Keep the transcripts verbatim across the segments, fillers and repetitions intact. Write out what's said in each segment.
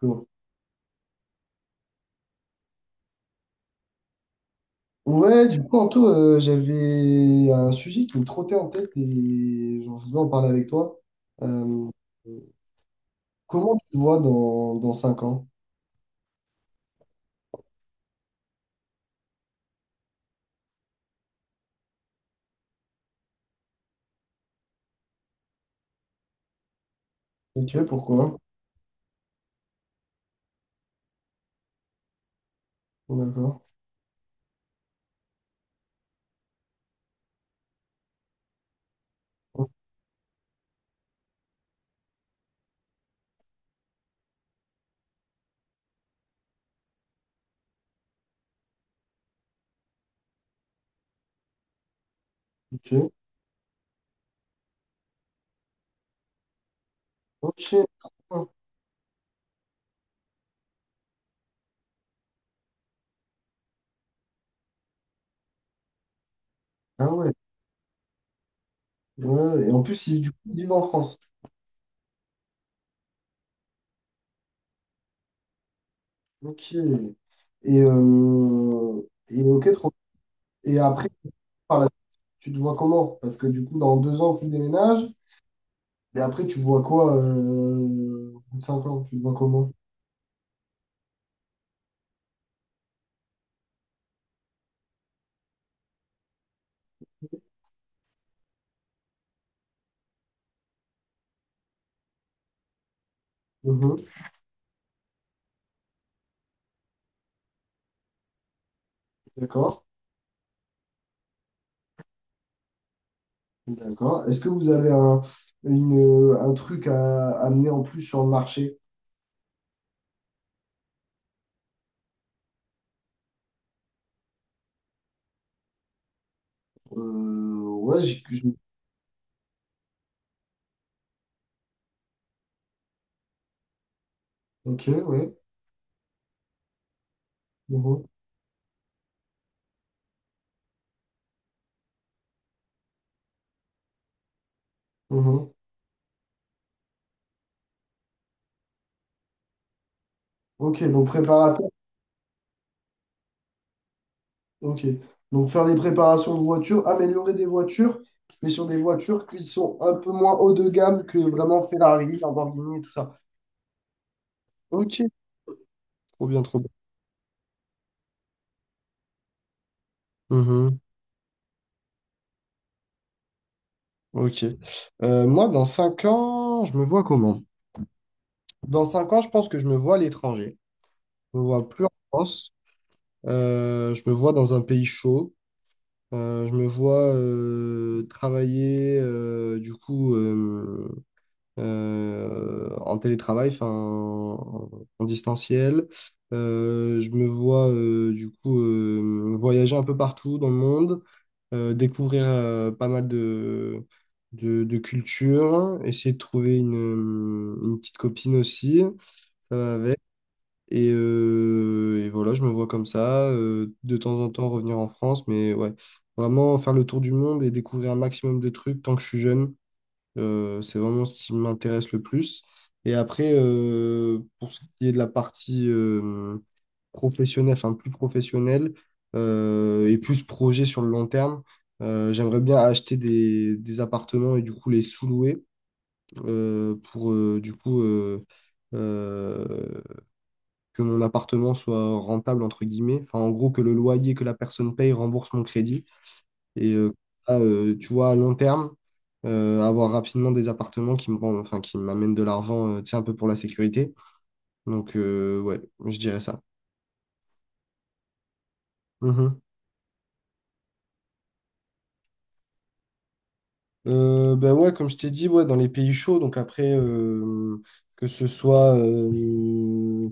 Cool. Ouais, du coup, Anto, euh, j'avais un sujet qui me trottait en tête et genre, je voulais en parler avec toi. Euh, Comment tu te vois dans, dans cinq ans? Ok, pourquoi? Oh, d'accord. Ok. Ok. Ah ouais. Ouais, et en plus, ils, du coup, ils vivent en France. Ok. Et, euh, et ok, trop. Et après, par la suite, tu te vois comment? Parce que du coup, dans deux ans, tu déménages, mais après, tu vois quoi, euh, au bout de cinq ans? Tu te vois comment? Mhm. D'accord, d'accord. Est-ce que vous avez un, une- un truc à amener en plus sur le marché? Euh, ouais, j'ai... j'ai- Ok, ouais. Mhm, mhm. Ok, donc préparateur. Ok. Donc faire des préparations de voitures, améliorer des voitures, mais sur des voitures qui sont un peu moins haut de gamme que vraiment Ferrari, Lamborghini et tout ça. Ok, trop bien, trop bien. Mhm. Ok. Euh, moi, dans cinq ans, je me vois comment? Dans cinq ans, je pense que je me vois à l'étranger. Je me vois plus en France. Euh, je me vois dans un pays chaud. Euh, je me vois euh, travailler, euh, du coup, euh, euh, en télétravail, enfin en, en distanciel. Euh, je me vois, euh, du coup, euh, voyager un peu partout dans le monde, euh, découvrir, euh, pas mal de, de, de cultures, essayer de trouver une, une petite copine aussi. Ça va avec. Et, euh, et voilà, je me vois comme ça, euh, de temps en temps revenir en France, mais ouais, vraiment faire le tour du monde et découvrir un maximum de trucs tant que je suis jeune, euh, c'est vraiment ce qui m'intéresse le plus. Et après, euh, pour ce qui est de la partie euh, professionnelle, enfin plus professionnelle, euh, et plus projet sur le long terme, euh, j'aimerais bien acheter des, des appartements et du coup les sous-louer, euh, pour euh, du coup... euh, euh, que mon appartement soit rentable, entre guillemets. Enfin, en gros, que le loyer que la personne paye rembourse mon crédit. Et euh, ah, euh, tu vois, à long terme, euh, avoir rapidement des appartements qui me rendent- enfin, qui m'amènent de l'argent, euh, tu sais, un peu pour la sécurité. Donc, euh, ouais, je dirais ça. Mhm. Euh, ben ouais, comme je t'ai dit, ouais, dans les pays chauds, donc après, euh, que ce soit, euh,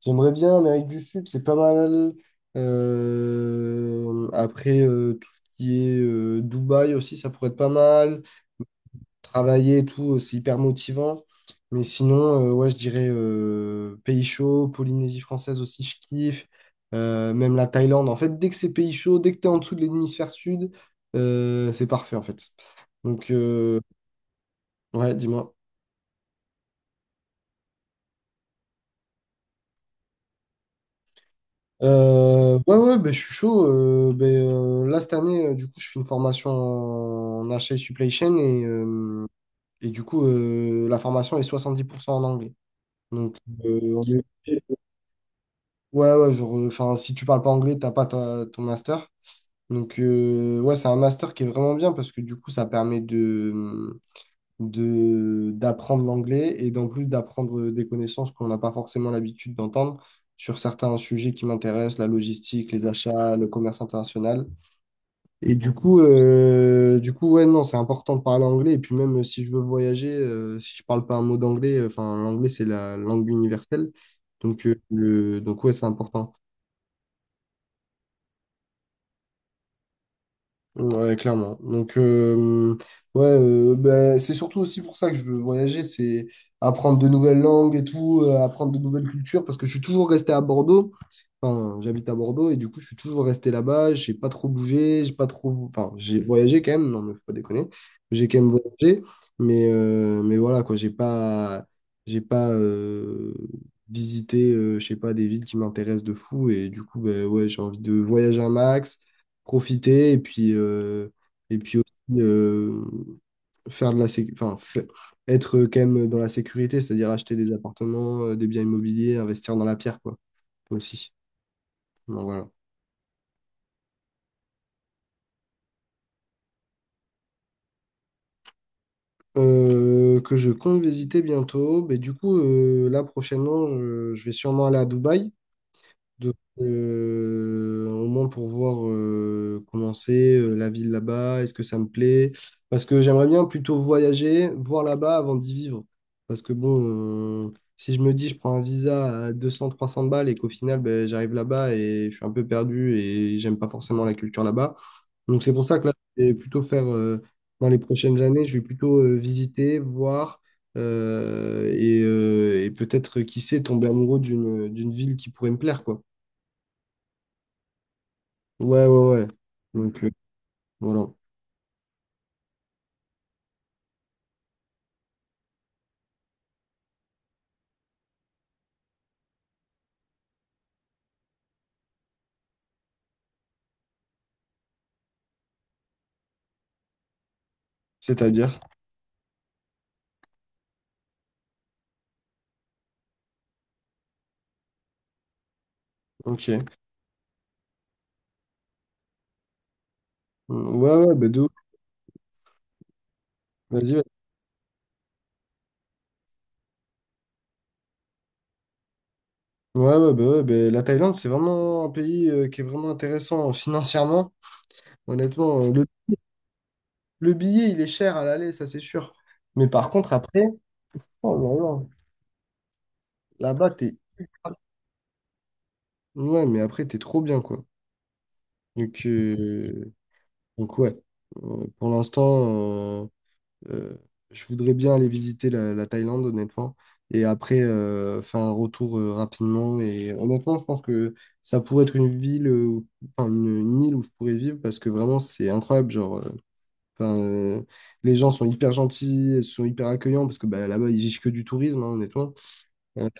j'aimerais bien Amérique du Sud, c'est pas mal. Euh, après, euh, tout ce qui est euh, Dubaï aussi, ça pourrait être pas mal. Travailler et tout, euh, c'est hyper motivant. Mais sinon, euh, ouais, je dirais euh, pays chauds, Polynésie française aussi, je kiffe. Euh, même la Thaïlande. En fait, dès que c'est pays chaud, dès que t'es en dessous de l'hémisphère sud, euh, c'est parfait en fait. Donc, euh, ouais, dis-moi. Euh, ouais, ouais, ben, je suis chaud. Euh, ben, euh, là, cette année, euh, du coup, je fais une formation en achat et supply chain et, euh, et du coup, euh, la formation est soixante-dix pour cent en anglais. Donc, euh, on est- ouais, ouais, genre, euh, enfin, si tu parles pas anglais, t'as pas ta- ton master. Donc, euh, ouais, c'est un master qui est vraiment bien parce que du coup, ça permet de, de d'apprendre l'anglais et d'en plus d'apprendre des connaissances qu'on n'a pas forcément l'habitude d'entendre sur certains sujets qui m'intéressent, la logistique, les achats, le commerce international. Et du coup, euh, du coup, ouais, non, c'est important de parler anglais. Et puis même, euh, si je veux voyager, euh, si je parle pas un mot d'anglais, euh, enfin, l'anglais, c'est la langue universelle. Donc, euh, le- donc ouais, c'est important. Ouais, clairement. Donc, euh, ouais, euh, ben, c'est surtout aussi pour ça que je veux voyager, c'est apprendre de nouvelles langues et tout, euh, apprendre de nouvelles cultures, parce que je suis toujours resté à Bordeaux. Enfin, j'habite à Bordeaux et du coup, je suis toujours resté là-bas. J'ai pas trop bougé, j'ai pas trop. Enfin, j'ai voyagé quand même, non, mais faut pas déconner. J'ai quand même voyagé, mais, euh, mais voilà, quoi, j'ai pas, j'ai pas euh, visité, euh, je sais pas, des villes qui m'intéressent de fou et du coup, ben, ouais, j'ai envie de voyager un max profiter et puis, euh, et puis aussi, euh, faire de la sé- enfin, fa- être quand même dans la sécurité, c'est-à-dire acheter des appartements, euh, des biens immobiliers, investir dans la pierre, quoi, aussi. Donc, voilà. Euh, que je compte visiter bientôt. Mais du coup, euh, là prochainement, je, je vais sûrement aller à Dubaï. Donc, euh, au moins pour voir, euh, comment c'est, euh, la ville là-bas, est-ce que ça me plaît? Parce que j'aimerais bien plutôt voyager, voir là-bas avant d'y vivre. Parce que bon, euh, si je me dis je prends un visa à deux cents à trois cents balles et qu'au final ben, j'arrive là-bas et je suis un peu perdu et j'aime pas forcément la culture là-bas. Donc c'est pour ça que là, je vais plutôt faire, euh, dans les prochaines années, je vais plutôt, euh, visiter, voir, euh, et, euh, et peut-être, qui sait, tomber amoureux d'une d'une ville qui pourrait me plaire, quoi. Ouais, ouais, ouais. Donc, euh, voilà. C'est-à-dire, ok. Mm, ouais, ouais, bah, de ouf. Vas-y, ouais. Ouais, ouais, bah, ouais, bah, la Thaïlande, c'est vraiment un pays, euh, qui est vraiment intéressant, euh, financièrement. Honnêtement, euh, le, le billet, il est cher à l'aller, ça c'est sûr. Mais par contre, après, oh là là, là-bas, t'es. Ouais, mais après, t'es trop bien, quoi. Donc, euh, donc ouais. Euh, pour l'instant. euh, Euh, je voudrais bien aller visiter la, la Thaïlande, honnêtement, et après, euh, faire un retour, euh, rapidement. Et honnêtement, je pense que ça pourrait être une ville, euh, où- enfin une, une île où je pourrais vivre parce que vraiment c'est incroyable. Genre, euh, enfin, euh, les gens sont hyper gentils, ils sont hyper accueillants parce que bah, là-bas ils vivent que du tourisme, hein, honnêtement.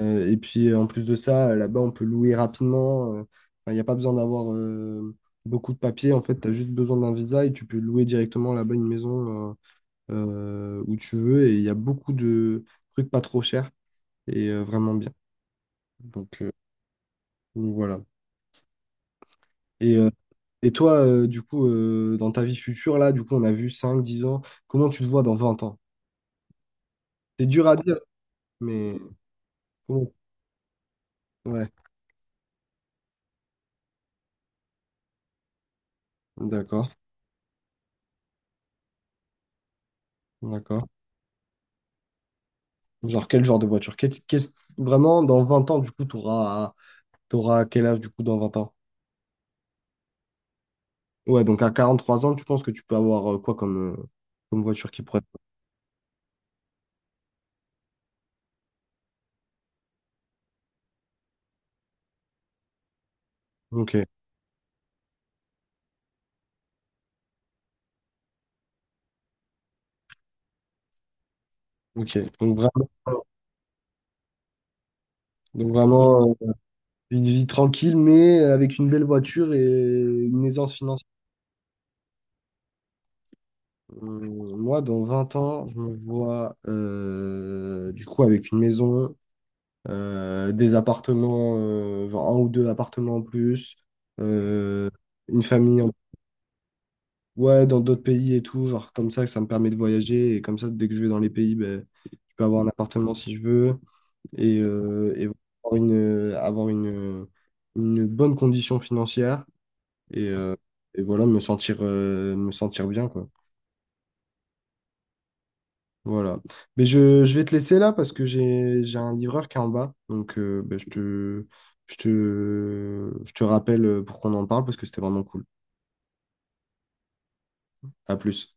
Euh, et puis, euh, en plus de ça, là-bas on peut louer rapidement. Euh, enfin, il n'y a pas besoin d'avoir, euh, beaucoup de papiers. En fait, tu as juste besoin d'un visa et tu peux louer directement là-bas une maison. euh, euh, où tu veux, et il y a beaucoup de trucs pas trop chers et, euh, vraiment bien. Donc, euh, donc voilà. Et, euh, et toi, euh, du coup, euh, dans ta vie future, là, du coup, on a vu cinq dix ans, comment tu te vois dans vingt ans? C'est dur à dire, mais comment- Ouais, d'accord, d'accord. Genre, quel genre de voiture? Qu'est- qu'est-ce- Vraiment, dans vingt ans, du coup, t'auras, t'auras quel âge, du coup, dans vingt ans? Ouais, donc à quarante trois ans, tu penses que tu peux avoir, euh, quoi comme, euh, comme voiture qui pourrait. Ok, ok. Donc vraiment, donc vraiment, une vie tranquille, mais avec une belle voiture et une aisance financière. Hum, Moi, dans vingt ans, je me vois, euh, du coup avec une maison, euh, des appartements, euh, genre un ou deux appartements en plus, euh, une famille en- ouais, dans d'autres pays et tout, genre comme ça, ça me permet de voyager et comme ça, dès que je vais dans les pays, ben, je peux avoir un appartement si je veux et, euh, et avoir une, avoir une, une bonne condition financière. et, euh, et voilà, me sentir, euh, me sentir bien, quoi. Voilà. Mais je, je vais te laisser là parce que j'ai, j'ai un livreur qui est en bas. Donc, euh, ben, je te, je te, je te rappelle, euh, pour qu'on en parle parce que c'était vraiment cool. À plus.